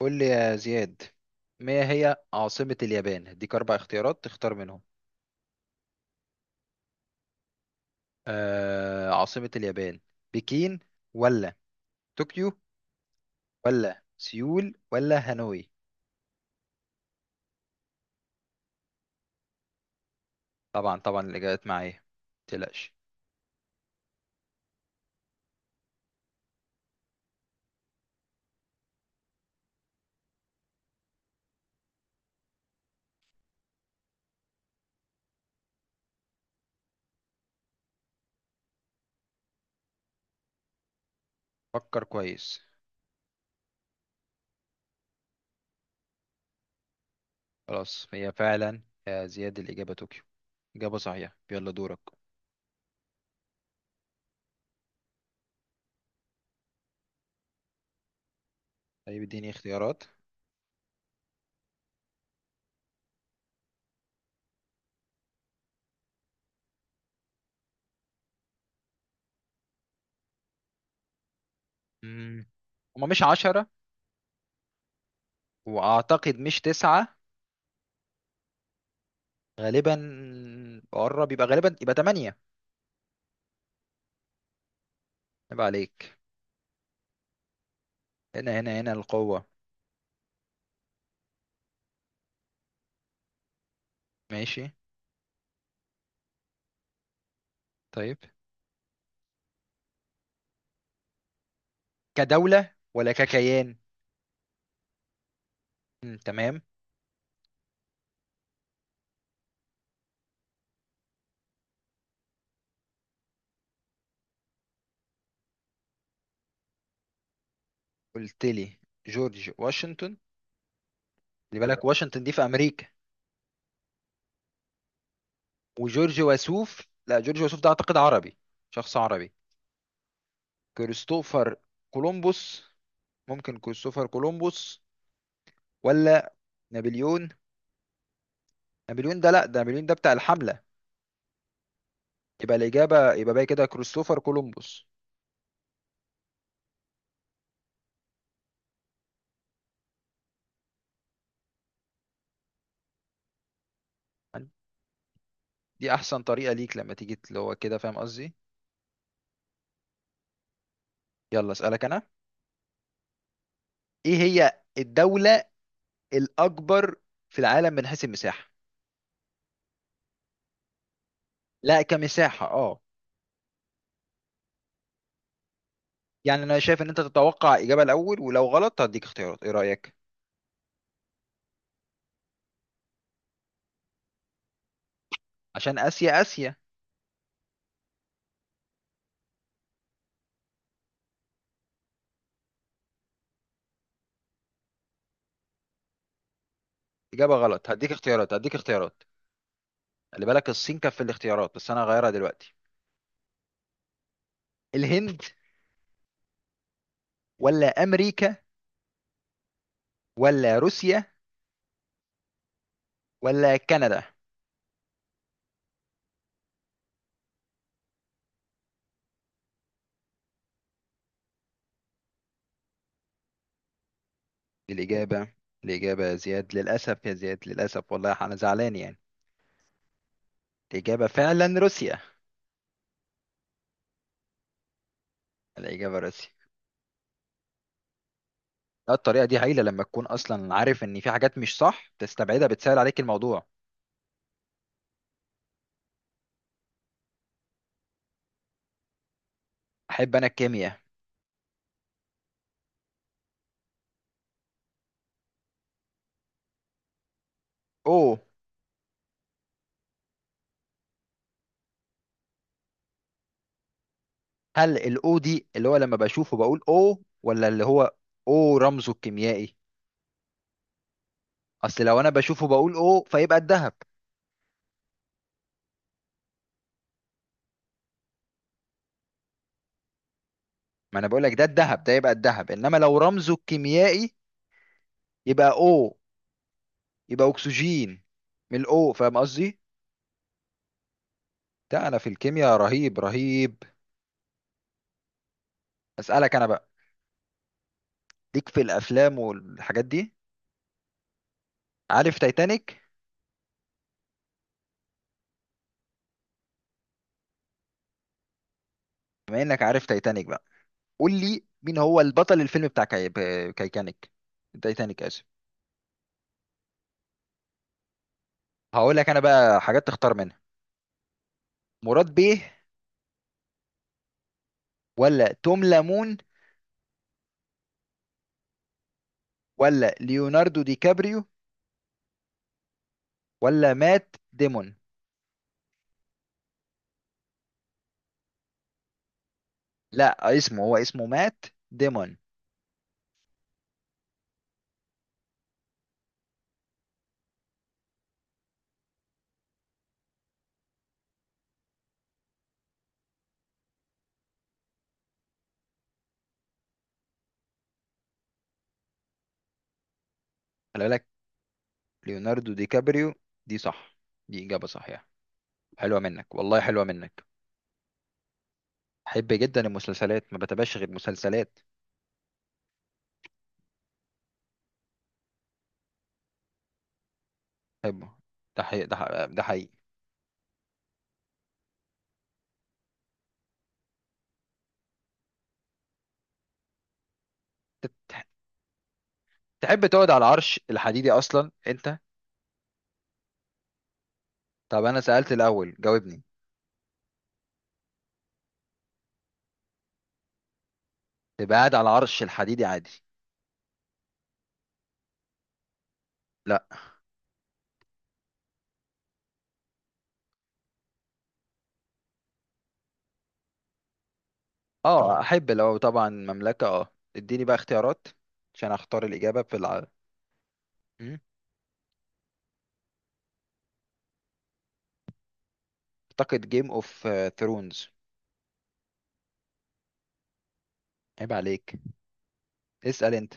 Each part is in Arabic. قول لي يا زياد، ما هي عاصمة اليابان؟ اديك أربع اختيارات تختار منهم. آه، عاصمة اليابان، بكين ولا طوكيو ولا سيول ولا هانوي؟ طبعا طبعا الإجابات معايا، متقلقش. فكر كويس. خلاص، هي فعلا يا زياد الإجابة طوكيو. إجابة صحيحة، يلا دورك. طيب، اديني اختيارات. مم. هما مش عشرة، وأعتقد مش تسعة. غالبا قرب، يبقى غالبا يبقى تمانية. يبقى عليك. هنا هنا هنا القوة. ماشي. طيب، كدولة ولا ككيان؟ مم، تمام. قلت لي جورج واشنطن؟ خلي بالك، واشنطن دي في أمريكا. وجورج وسوف، لا، جورج وسوف ده أعتقد عربي، شخص عربي. كريستوفر كولومبوس. ممكن كريستوفر كولومبوس ولا نابليون. نابليون ده لا، ده نابليون ده بتاع الحملة. يبقى الإجابة، يبقى باقي كده كريستوفر كولومبوس. دي أحسن طريقة ليك، لما تيجي اللي هو كده، فاهم قصدي. يلا أسألك أنا. إيه هي الدولة الاكبر في العالم من حيث المساحه؟ لا، كمساحه، اه. يعني انا شايف ان انت تتوقع اجابه الاول، ولو غلط هديك اختيارات، ايه رايك؟ عشان اسيا اسيا. اجابه غلط، هديك اختيارات. خلي بالك، الصين كانت في الاختيارات بس انا هغيرها دلوقتي. الهند ولا امريكا ولا روسيا ولا كندا؟ الاجابه، الاجابه يا زياد، للاسف يا زياد، للاسف، والله انا زعلان يعني. الاجابه فعلا روسيا. الاجابه روسيا. لا، الطريقه دي هايله، لما تكون اصلا عارف ان في حاجات مش صح تستبعدها، بتسهل عليك الموضوع. احب انا الكيمياء. او، هل الاو دي اللي هو لما بشوفه بقول او، ولا اللي هو او رمزه الكيميائي؟ اصل لو انا بشوفه بقول او، فيبقى الذهب. ما انا بقول لك ده الذهب، ده يبقى الذهب، انما لو رمزه الكيميائي يبقى او، يبقى اكسجين، من الاو، فاهم قصدي. ده انا في الكيمياء رهيب رهيب. اسالك انا بقى. ليك في الافلام والحاجات دي؟ عارف تايتانيك؟ بما انك عارف تايتانيك بقى، قول لي مين هو البطل الفيلم بتاع كايتانيك، تايتانيك، اسف. هقول لك انا بقى حاجات تختار منها. مراد بيه ولا توم لامون ولا ليوناردو دي كابريو ولا مات ديمون؟ لا، اسمه، هو اسمه مات ديمون. خلي بالك، ليوناردو دي كابريو دي صح، دي إجابة صحيحة. حلوة منك والله، حلوة منك. بحب جدا المسلسلات، ما بتابعش غير مسلسلات. بحبه، ده حقيقي ده حقيقي ده حقيقي. تت- تحب تقعد على العرش الحديدي اصلا انت؟ طب انا سألت الاول، جاوبني. تبقى قاعد على عرش الحديدي عادي. لا. اه اه، احب لو طبعا مملكة، اه. اديني بقى اختيارات عشان اختار الاجابة في مم. اعتقد جيم اوف ثرونز. عيب عليك. اسأل انت.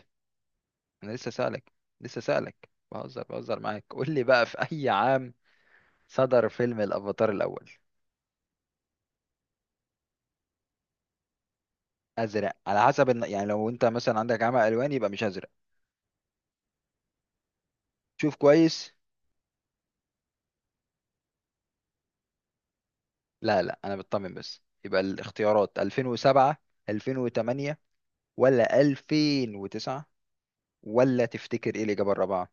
انا لسه سألك، لسه سألك، بهزر بهزر معاك. قول لي بقى، في اي عام صدر فيلم الافاتار الاول؟ ازرق على حسب يعني لو انت مثلا عندك عمى الوان، يبقى مش ازرق. شوف كويس. لا لا، انا بطمن بس. يبقى الاختيارات 2007، 2008، ولا 2009، ولا تفتكر ايه الإجابة الرابعة؟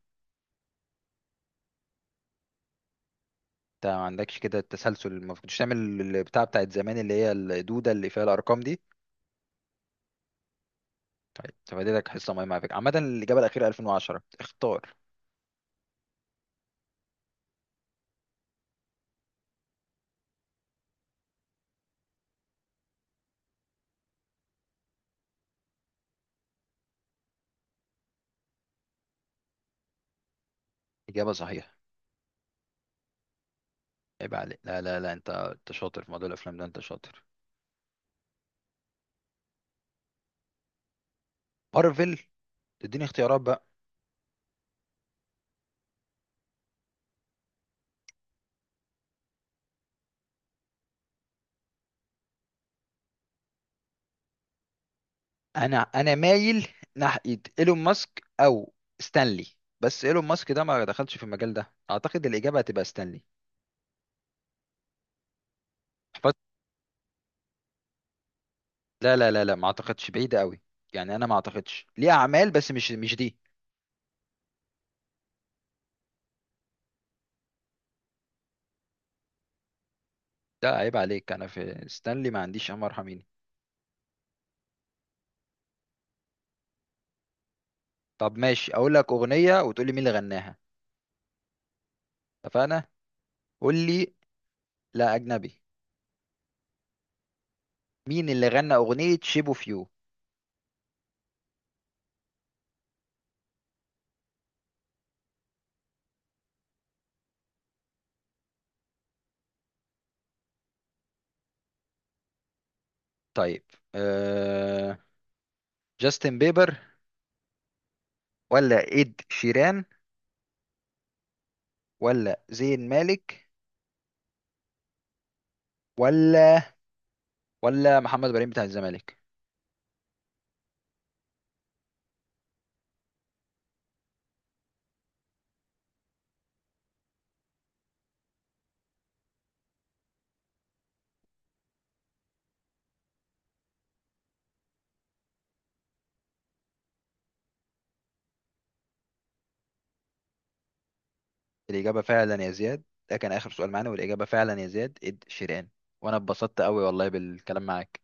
انت ما عندكش كده التسلسل؟ ما كنتش تعمل البتاع بتاعت زمان اللي هي الدودة اللي فيها الأرقام دي؟ طيب، تفاديلك حصة مهمة على فكرة. عامة الإجابة الأخيرة 2010، اختار. إجابة صحيحة. عيب عليك. لا لا لا، انت شاطر في موضوع الأفلام ده، انت شاطر. مارفل، تديني اختيارات بقى؟ انا مايل ناحية ايلون ماسك او ستانلي. بس ايلون ماسك ده ما دخلش في المجال ده، اعتقد الإجابة هتبقى ستانلي. لا لا لا لا، ما اعتقدش، بعيدة قوي. يعني انا ما اعتقدش ليه اعمال، بس مش دي. ده عيب عليك، انا في ستانلي ما عنديش عمر حميني. طب ماشي، اقول لك اغنية وتقول لي مين اللي غناها. اتفقنا؟ قول لي. لا، اجنبي. مين اللي غنى اغنية شيب اوف يو؟ طيب. أه... جاستن بيبر ولا اد شيران ولا زين مالك ولا ولا محمد ابراهيم بتاع الزمالك؟ الاجابة فعلا يا زياد، ده كان اخر سؤال معانا، والاجابة فعلا يا زياد اد شيران. وانا اتبسطت قوي والله بالكلام معاك.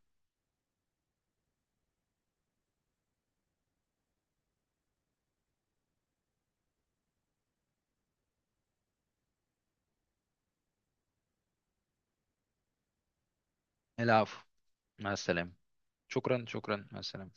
العفو، مع السلامة. شكرا شكرا، مع السلامة.